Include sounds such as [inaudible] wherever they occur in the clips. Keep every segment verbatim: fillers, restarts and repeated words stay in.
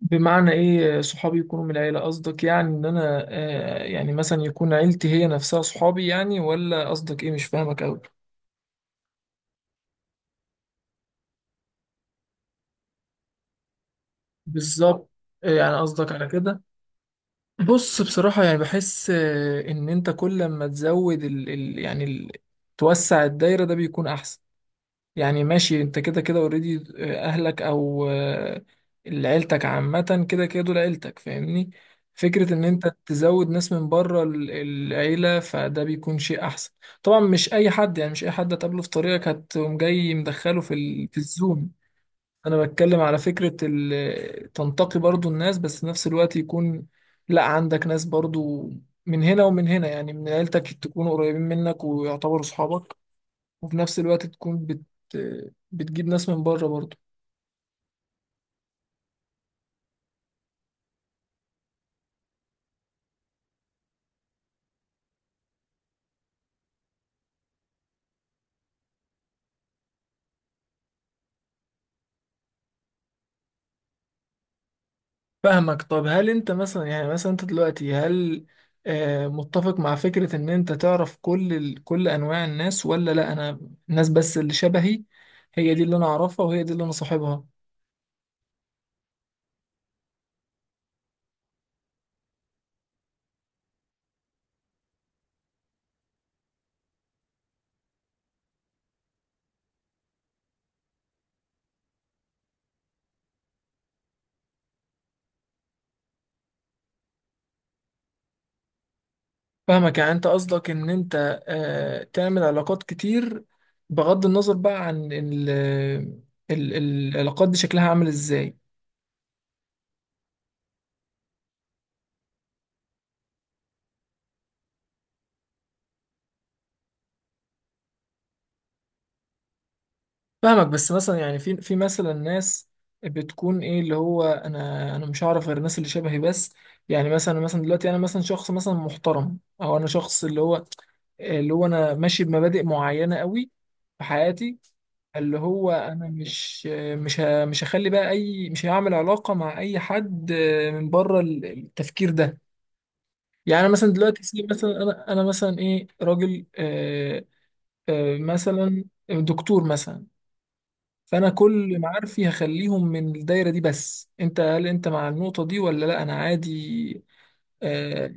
بمعنى ايه صحابي يكونوا من العيلة؟ قصدك يعني ان انا آه، يعني مثلا يكون عيلتي هي نفسها صحابي، يعني ولا قصدك ايه؟ مش فاهمك اوي. بالظبط. آه، يعني قصدك على كده. بص بصراحة يعني بحس آه، ان انت كل ما تزود ال ال يعني ال توسع الدايرة ده بيكون احسن. يعني ماشي انت كده كده اوريدي، اهلك او آه، عيلتك عامة كده كده، دول عيلتك فاهمني. فكرة ان انت تزود ناس من بره ال- العيلة فده بيكون شيء احسن. طبعا مش اي حد، يعني مش اي حد هتقابله في طريقك هتقوم جاي مدخله في ال... في الزوم. انا بتكلم على فكرة ال... تنتقي برضو الناس، بس في نفس الوقت يكون، لا، عندك ناس برضو من هنا ومن هنا، يعني من عيلتك تكونوا قريبين منك ويعتبروا صحابك، وفي نفس الوقت تكون بت... بتجيب ناس من بره برضه. فاهمك. طب هل انت مثلا، يعني مثلا انت دلوقتي، هل آه، متفق مع فكرة ان انت تعرف كل ال... كل انواع الناس، ولا لا، انا الناس بس اللي شبهي هي دي اللي انا اعرفها وهي دي اللي انا صاحبها؟ فاهمك، يعني انت قصدك ان انت آه، تعمل علاقات كتير بغض النظر بقى عن ال... ال... ال- العلاقات دي شكلها عامل ازاي. فاهمك، بس مثلا يعني في في مثلا ناس بتكون ايه، اللي هو انا انا مش هعرف غير الناس اللي شبهي بس. يعني مثلا مثلا دلوقتي انا مثلا شخص، مثلا محترم، او انا شخص اللي هو اللي هو انا ماشي بمبادئ معينة قوي في حياتي، اللي هو انا مش مش ه- مش هخلي بقى اي، مش هعمل علاقه مع اي حد من بره ال- التفكير ده. يعني أنا مثلا دلوقتي سي، مثلا انا انا مثلا ايه راجل، آه، آه، مثلا دكتور مثلا، فانا كل معارفي هخليهم من الدايره دي. بس انت هل انت مع النقطه دي، ولا لا انا عادي؟ آه،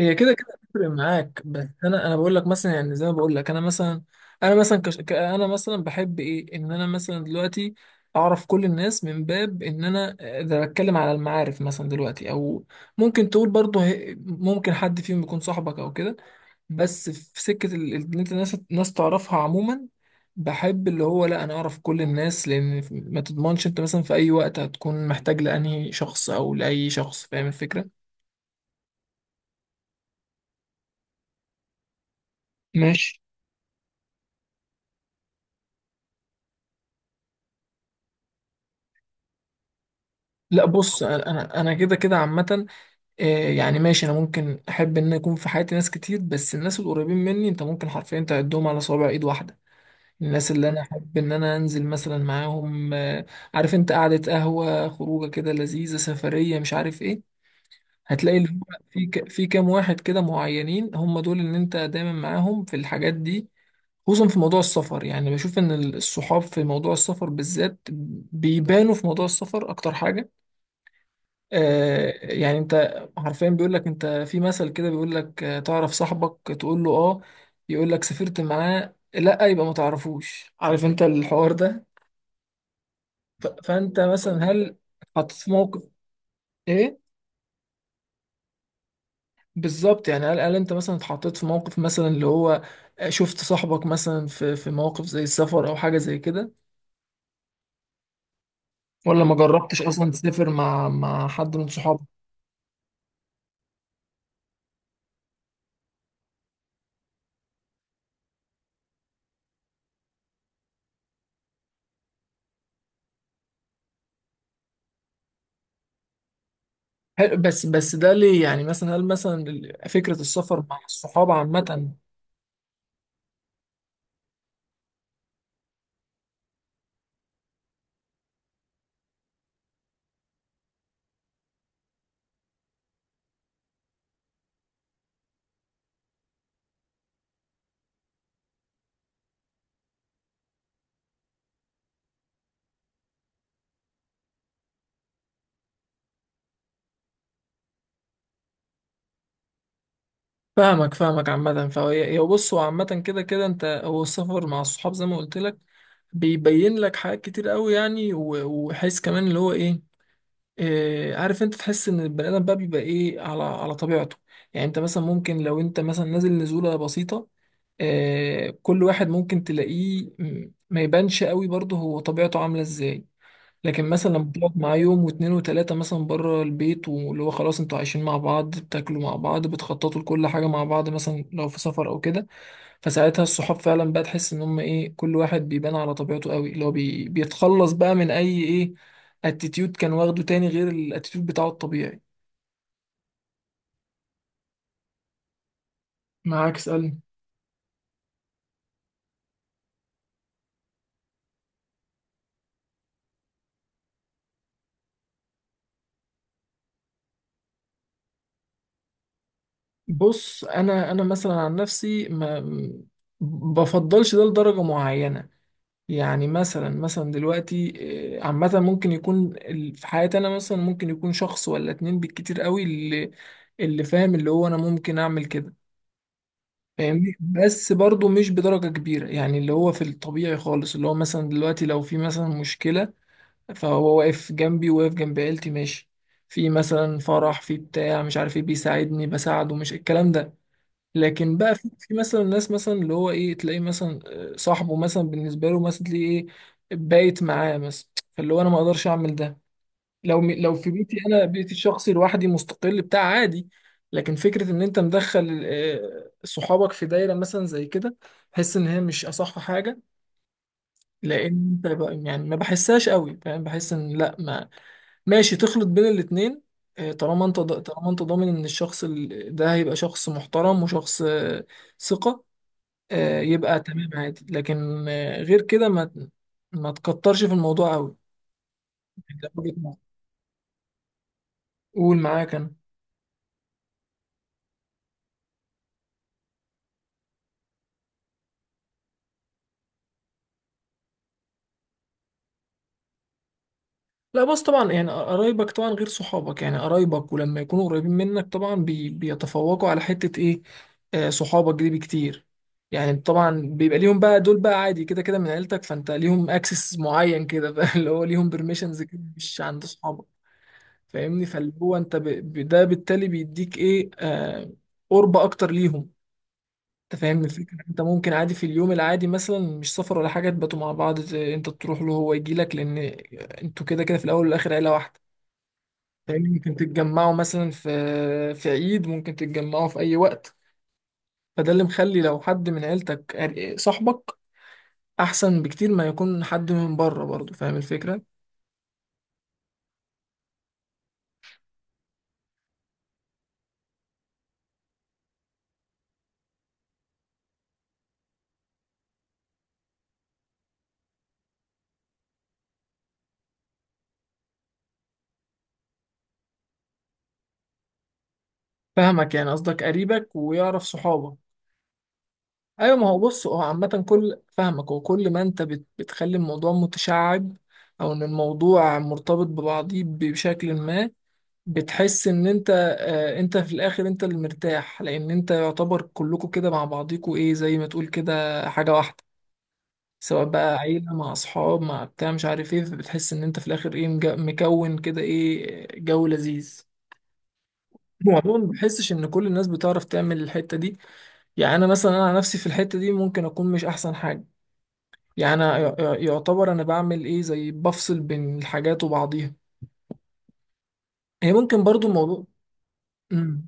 هي كده كده بتفرق معاك، بس انا انا بقول لك مثلا، يعني زي ما بقول لك، انا مثلا، انا مثلا كش... ك- انا مثلا بحب ايه ان انا مثلا دلوقتي اعرف كل الناس، من باب ان انا اذا بتكلم على المعارف مثلا دلوقتي، او ممكن تقول برضه، هي- ممكن حد فيهم يكون صاحبك او كده، بس في سكة ال- ال- ان انت ناس ناس تعرفها عموما. بحب اللي هو لا، انا اعرف كل الناس، لان ما تضمنش انت مثلا في اي وقت هتكون محتاج لانهي شخص او لاي شخص، فاهم الفكرة؟ ماشي. لا بص، انا انا أنا كده كده عامه. آه، يعني ماشي، انا ممكن احب ان يكون في حياتي ناس كتير، بس الناس القريبين مني انت ممكن حرفيا تعدهم على صوابع ايد واحده. الناس اللي انا احب ان انا انزل مثلا معاهم، آه، عارف انت، قعده قهوه، خروجه كده لذيذه، سفريه، مش عارف ايه، هتلاقي اللي هو في ك- في كام واحد كده معينين، هم دول ان انت دايما معاهم في الحاجات دي. خصوصا في موضوع السفر، يعني بشوف ان الصحاب في موضوع السفر بالذات بيبانوا في موضوع السفر اكتر حاجه. آه، يعني انت حرفيا بيقول لك انت في مثل كده، بيقول لك آه، تعرف صاحبك؟ تقول له اه، يقول لك سافرت معاه؟ لا، يبقى ما تعرفوش، عارف انت الحوار ده. ف- فانت مثلا هل اتحطيت في موقف، ايه، بالظبط، يعني هل هل انت مثلا اتحطيت في موقف، مثلا اللي هو آه، شفت صاحبك مثلا في في مواقف زي السفر او حاجه زي كده، ولا ما جربتش اصلا تسافر مع مع حد من صحابك؟ حلو، بس بس ده ليه يعني، مثلا هل مثلا فكرة السفر مع الصحاب عامة؟ فاهمك فاهمك عامة، فهي هو بص، هو عامة كده كده، انت هو السفر مع الصحاب زي ما قلت لك بيبين لك حاجات كتير قوي، يعني و- وحس كمان اللي هو ايه، اه، عارف انت تحس ان البني ادم بقى بيبقى ايه على على طبيعته. يعني انت مثلا ممكن لو انت مثلا نازل نزولة بسيطة، آه، كل واحد ممكن تلاقيه، م- ما يبانش قوي برضه هو طبيعته عاملة ازاي، لكن مثلا لما بتقعد معاه يوم واتنين وتلاتة مثلا بره البيت، واللي هو خلاص انتوا عايشين مع بعض، بتاكلوا مع بعض، بتخططوا لكل حاجة مع بعض، مثلا لو في سفر او كده، فساعتها الصحاب فعلا بقى تحس ان هم ايه، كل واحد بيبان على طبيعته قوي، اللي هو بي بيتخلص بقى من اي ايه، اتيتيود كان واخده تاني غير الاتيتيود بتاعه الطبيعي. معاك، اسألني. بص انا انا مثلا عن نفسي ما بفضلش ده لدرجة معينة، يعني مثلا مثلا دلوقتي آه، عامة ممكن يكون ال- في حياتي، أنا مثلا ممكن يكون شخص ولا اتنين بالكتير قوي اللي اللي فاهم، اللي هو أنا ممكن أعمل كده فاهمني، بس برضو مش بدرجة كبيرة يعني، اللي هو في الطبيعي خالص، اللي هو مثلا دلوقتي لو في مثلا مشكلة فهو واقف جنبي، واقف جنب عيلتي ماشي، في مثلا فرح، في بتاع مش عارف ايه، بيساعدني، بساعده، مش الكلام ده. لكن بقى في في مثلا ناس، مثلا اللي هو ايه، تلاقيه مثلا آه، صاحبه مثلا، بالنسبه له مثلا تلاقيه ايه بايت معاه مثلا، فاللي هو انا ما اقدرش اعمل ده. لو م- لو في بيتي، انا بيتي الشخصي لوحدي مستقل بتاع، عادي، لكن فكره ان انت مدخل آه، صحابك في دايره مثلا زي كده بحس ان هي مش اصح حاجه، لان انت بقى يعني ما بحسهاش قوي فاهم، بحس ان لا. ما ماشي تخلط بين الاتنين. آه، طالما انت ض- طالما انت ضامن ان الشخص ال- ده هيبقى شخص محترم وشخص آه، ثقة، آه، يبقى تمام عادي، لكن آه، غير كده ما ما تكترش في الموضوع قوي. ده وجهة نظري. قول، معاك انا. لا، بس طبعا يعني قرايبك طبعا غير صحابك، يعني قرايبك ولما يكونوا قريبين منك طبعا بي بيتفوقوا على حتة ايه، آه، صحابك دي بكتير. يعني طبعا بيبقى ليهم بقى، دول بقى عادي كده كده من عيلتك، فانت ليهم اكسس معين كده بقى [laughs] اللي هو ليهم بيرميشنز كده مش عند صحابك فاهمني. فاللي هو انت ب... ب- ده بالتالي بيديك ايه، آه قرب اكتر ليهم. انت فاهم الفكره، انت ممكن عادي في اليوم العادي مثلا مش سفر ولا حاجه تباتوا مع بعض، ت- انت تروح له هو يجي لك، لان انتوا كده كده في الاول والاخر عيله واحده فاهم. ممكن تتجمعوا مثلا في في عيد، ممكن تتجمعوا في اي وقت، فده اللي مخلي لو حد من عيلتك قر- صاحبك احسن بكتير ما يكون حد من بره برضه، فاهم الفكره. فاهمك، يعني قصدك قريبك ويعرف صحابك. ايوه، ما هو بص، هو عامة كل فاهمك، وكل ما انت بت... بتخلي الموضوع متشعب، او ان الموضوع مرتبط ببعضيه بشكل ما، بتحس ان انت، آه انت في الاخر، انت اللي مرتاح، لان انت يعتبر كلكم كده مع بعضيكوا ايه، زي ما تقول كده حاجة واحدة، سواء بقى عيلة مع اصحاب مع بتاع مش عارف ايه، فبتحس ان انت في الاخر ايه مج- مكون كده ايه جو لذيذ. وعموما ما بحسش ان كل الناس بتعرف تعمل الحتة دي، يعني انا مثلا انا على نفسي في الحتة دي ممكن اكون مش احسن حاجة، يعني أنا ي- ي- يعتبر أنا بعمل إيه، زي بفصل بين الحاجات وبعضيها. هي ممكن برضو الموضوع. مم.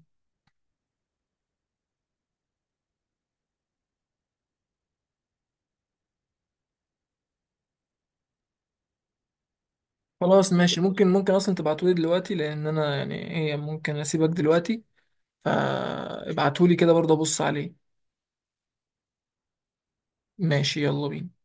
خلاص ماشي، ممكن ممكن أصلا تبعتولي دلوقتي، لأن أنا يعني هي ممكن أسيبك دلوقتي، فابعتولي كده برضه أبص عليه. ماشي، يلا بينا.